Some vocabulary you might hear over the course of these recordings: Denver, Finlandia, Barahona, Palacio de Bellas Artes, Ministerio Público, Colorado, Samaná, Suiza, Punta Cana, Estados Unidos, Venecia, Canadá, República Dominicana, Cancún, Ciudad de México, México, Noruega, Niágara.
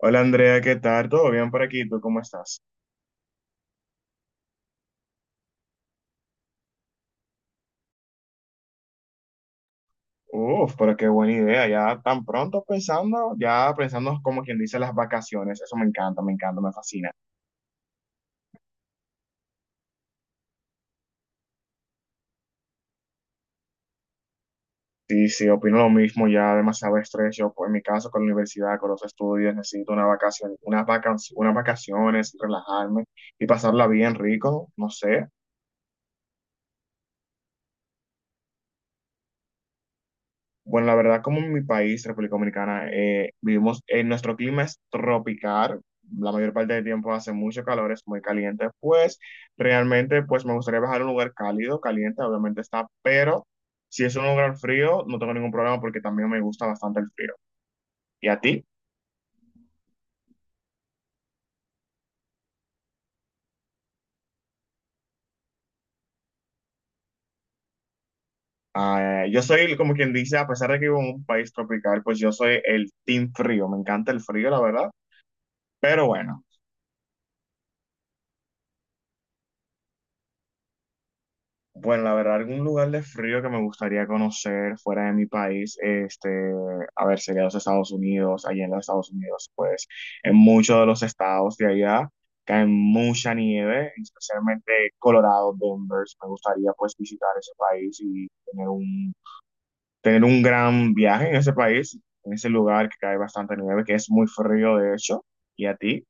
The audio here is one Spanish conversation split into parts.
Hola Andrea, ¿qué tal? ¿Todo bien por aquí? ¿Tú cómo estás? Uf, pero qué buena idea. Ya tan pronto pensando, ya pensando como quien dice las vacaciones. Eso me encanta, me encanta, me fascina. Sí, sí, opino lo mismo. Ya demasiado estrés. Yo, pues, en mi caso, con la universidad, con los estudios, necesito una vacación, unas vacaciones, relajarme y pasarla bien rico. No sé. Bueno, la verdad, como en mi país, República Dominicana, vivimos, nuestro clima es tropical, la mayor parte del tiempo hace mucho calor, es muy caliente, pues realmente pues me gustaría viajar a un lugar cálido, caliente, obviamente está, pero si es un lugar frío, no tengo ningún problema porque también me gusta bastante el frío. ¿Y a ti? Ah, yo soy como quien dice, a pesar de que vivo en un país tropical, pues yo soy el team frío, me encanta el frío, la verdad, pero bueno. Bueno, la verdad, algún lugar de frío que me gustaría conocer fuera de mi país, este, a ver, sería los Estados Unidos, allí en los Estados Unidos, pues en muchos de los estados de allá cae mucha nieve, especialmente Colorado, Denver, me gustaría pues visitar ese país y tener un gran viaje en ese país, en ese lugar que cae bastante nieve, que es muy frío de hecho, ¿y a ti?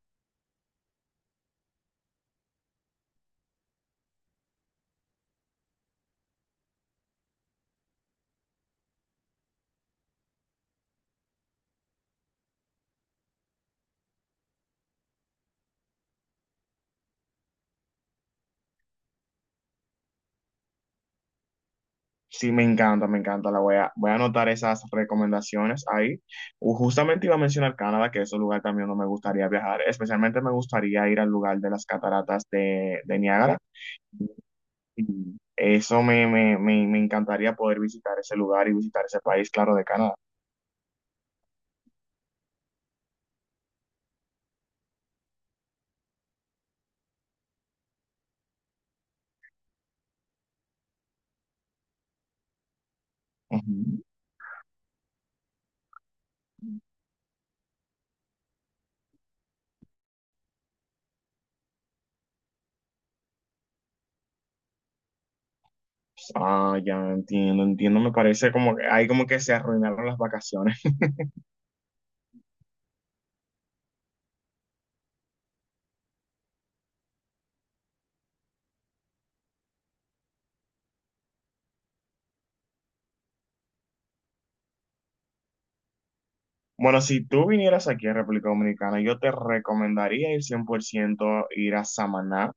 Sí, me encanta, me encanta. Voy a anotar esas recomendaciones ahí. Justamente iba a mencionar Canadá, que es un lugar también donde me gustaría viajar. Especialmente me gustaría ir al lugar de las cataratas de Niágara. Y eso me encantaría poder visitar ese lugar y visitar ese país, claro, de Canadá. Ujú. Ah, ya entiendo, entiendo. Me parece como que ahí como que se arruinaron las vacaciones. Bueno, si tú vinieras aquí a República Dominicana, yo te recomendaría ir 100% ir a Samaná,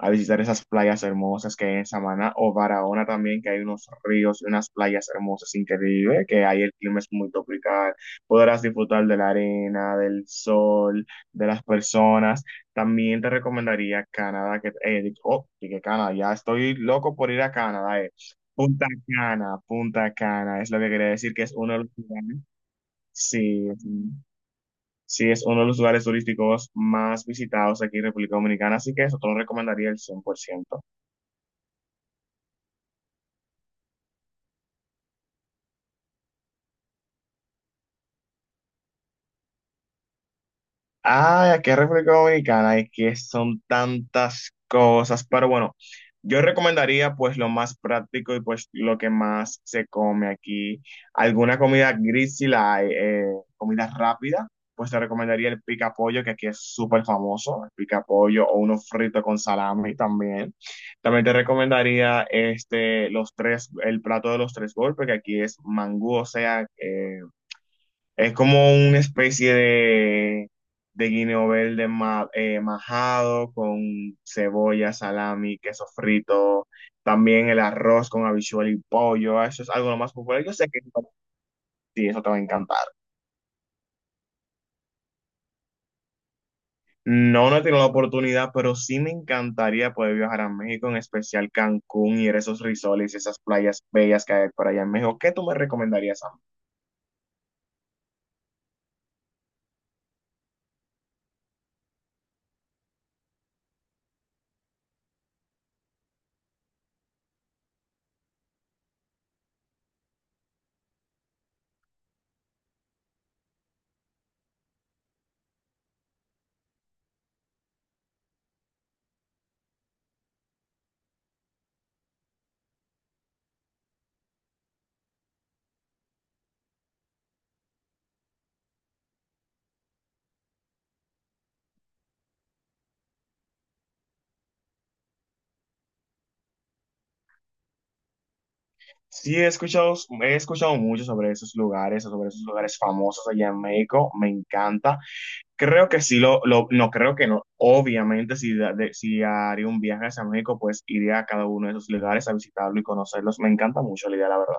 a visitar esas playas hermosas que hay en Samaná o Barahona también, que hay unos ríos y unas playas hermosas increíbles, que ahí el clima es muy tropical, podrás disfrutar de la arena, del sol, de las personas. También te recomendaría Canadá, que, dije Canadá, ya estoy loco por ir a Canadá, Punta Cana, Punta Cana, es lo que quería decir, que es uno de los lugares, sí, sí, sí, es uno de los lugares turísticos más visitados aquí en República Dominicana, así que eso te lo recomendaría el 100%. Ay, aquí en República Dominicana es que son tantas cosas, pero bueno, yo recomendaría pues lo más práctico y pues lo que más se come aquí. Alguna comida gris si la hay, comida rápida, pues te recomendaría el pica pollo, que aquí es súper famoso, el pica pollo o uno frito con salami también. También te recomendaría este, los tres, el plato de los tres golpes, que aquí es mangú, o sea, es como una especie de guineo verde majado con cebolla, salami, queso frito, también el arroz con habichuela y pollo. Ah, eso es algo lo más popular. Yo sé que sí, eso te va a encantar. No, no he tenido la oportunidad, pero sí me encantaría poder viajar a México, en especial Cancún y esos resorts y esas playas bellas que hay por allá en México. ¿Qué tú me recomendarías a mí? Sí, he escuchado mucho sobre esos lugares famosos allá en México. Me encanta. Creo que sí, no creo que no. Obviamente, si haría un viaje hacia México, pues iría a cada uno de esos lugares a visitarlo y conocerlos. Me encanta mucho la idea, la verdad.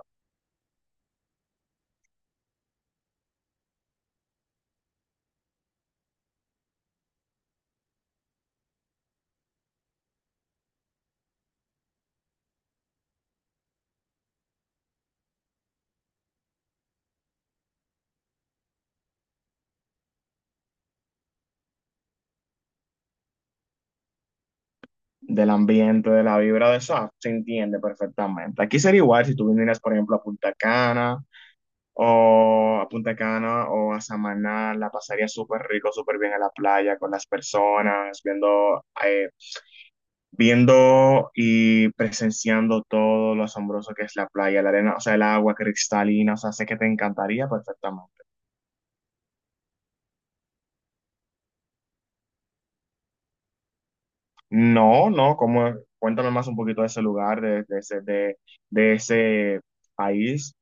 Del ambiente, de la vibra de eso, ah, se entiende perfectamente. Aquí sería igual si tú vinieras, por ejemplo, a Punta Cana o a Samaná, la pasaría súper rico, súper bien en la playa con las personas, viendo, viendo y presenciando todo lo asombroso que es la playa, la arena, o sea, el agua cristalina, o sea, sé que te encantaría perfectamente. No, no, ¿cómo? Cuéntame más un poquito de ese lugar, de ese país.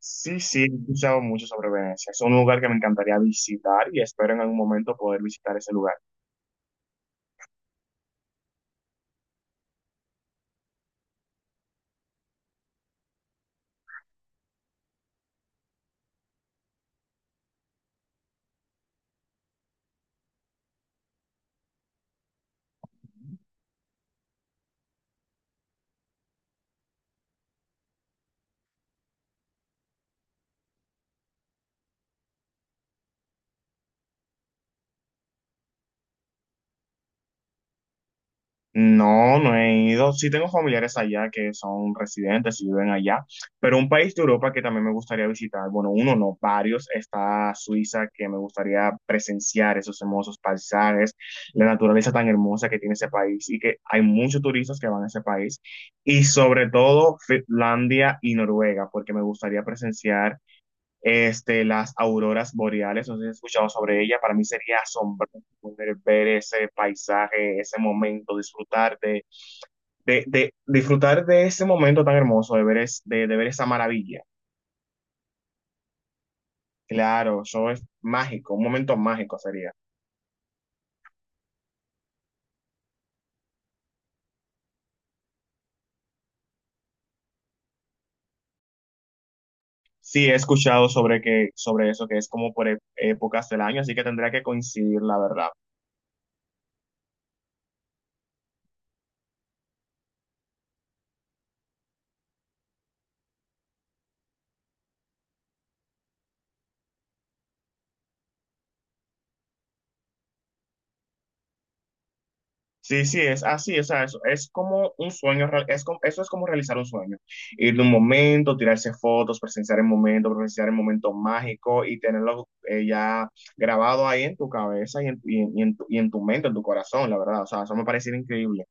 Sí, sí, he escuchado mucho sobre Venecia. Es un lugar que me encantaría visitar y espero en algún momento poder visitar ese lugar. No, no he ido. Sí tengo familiares allá que son residentes y viven allá, pero un país de Europa que también me gustaría visitar, bueno, uno no, varios, está Suiza, que me gustaría presenciar esos hermosos paisajes, la naturaleza tan hermosa que tiene ese país y que hay muchos turistas que van a ese país, y sobre todo Finlandia y Noruega, porque me gustaría presenciar este, las auroras boreales, no sé si has escuchado sobre ella, para mí sería asombroso poder ver ese paisaje, ese momento, disfrutar disfrutar de ese momento tan hermoso, de ver esa maravilla. Claro, eso es mágico, un momento mágico sería. Sí, he escuchado sobre que, sobre eso, que es como por épocas del año, así que tendría que coincidir, la verdad. Sí, sí, es así, o sea, es como un sueño, es como eso es como realizar un sueño, ir de un momento, tirarse fotos, presenciar el momento mágico y tenerlo ya grabado ahí en tu cabeza y en y en tu mente, en tu corazón, la verdad, o sea, eso me parece increíble.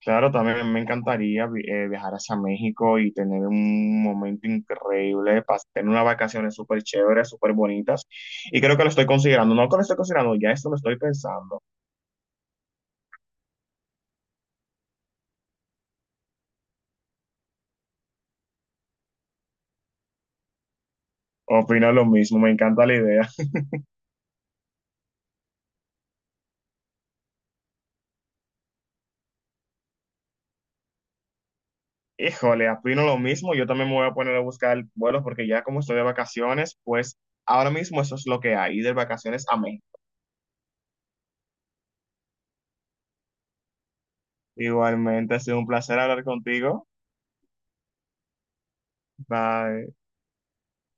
Claro, también me encantaría viajar hacia México y tener un momento increíble, tener unas vacaciones súper chéveres, súper bonitas, y creo que lo estoy considerando, no que lo estoy considerando, ya esto lo estoy pensando, opino lo mismo, me encanta la idea. Híjole, opino lo mismo. Yo también me voy a poner a buscar vuelos porque ya como estoy de vacaciones, pues ahora mismo eso es lo que hay, ir de vacaciones a mí. Igualmente, ha sido un placer hablar contigo. Bye.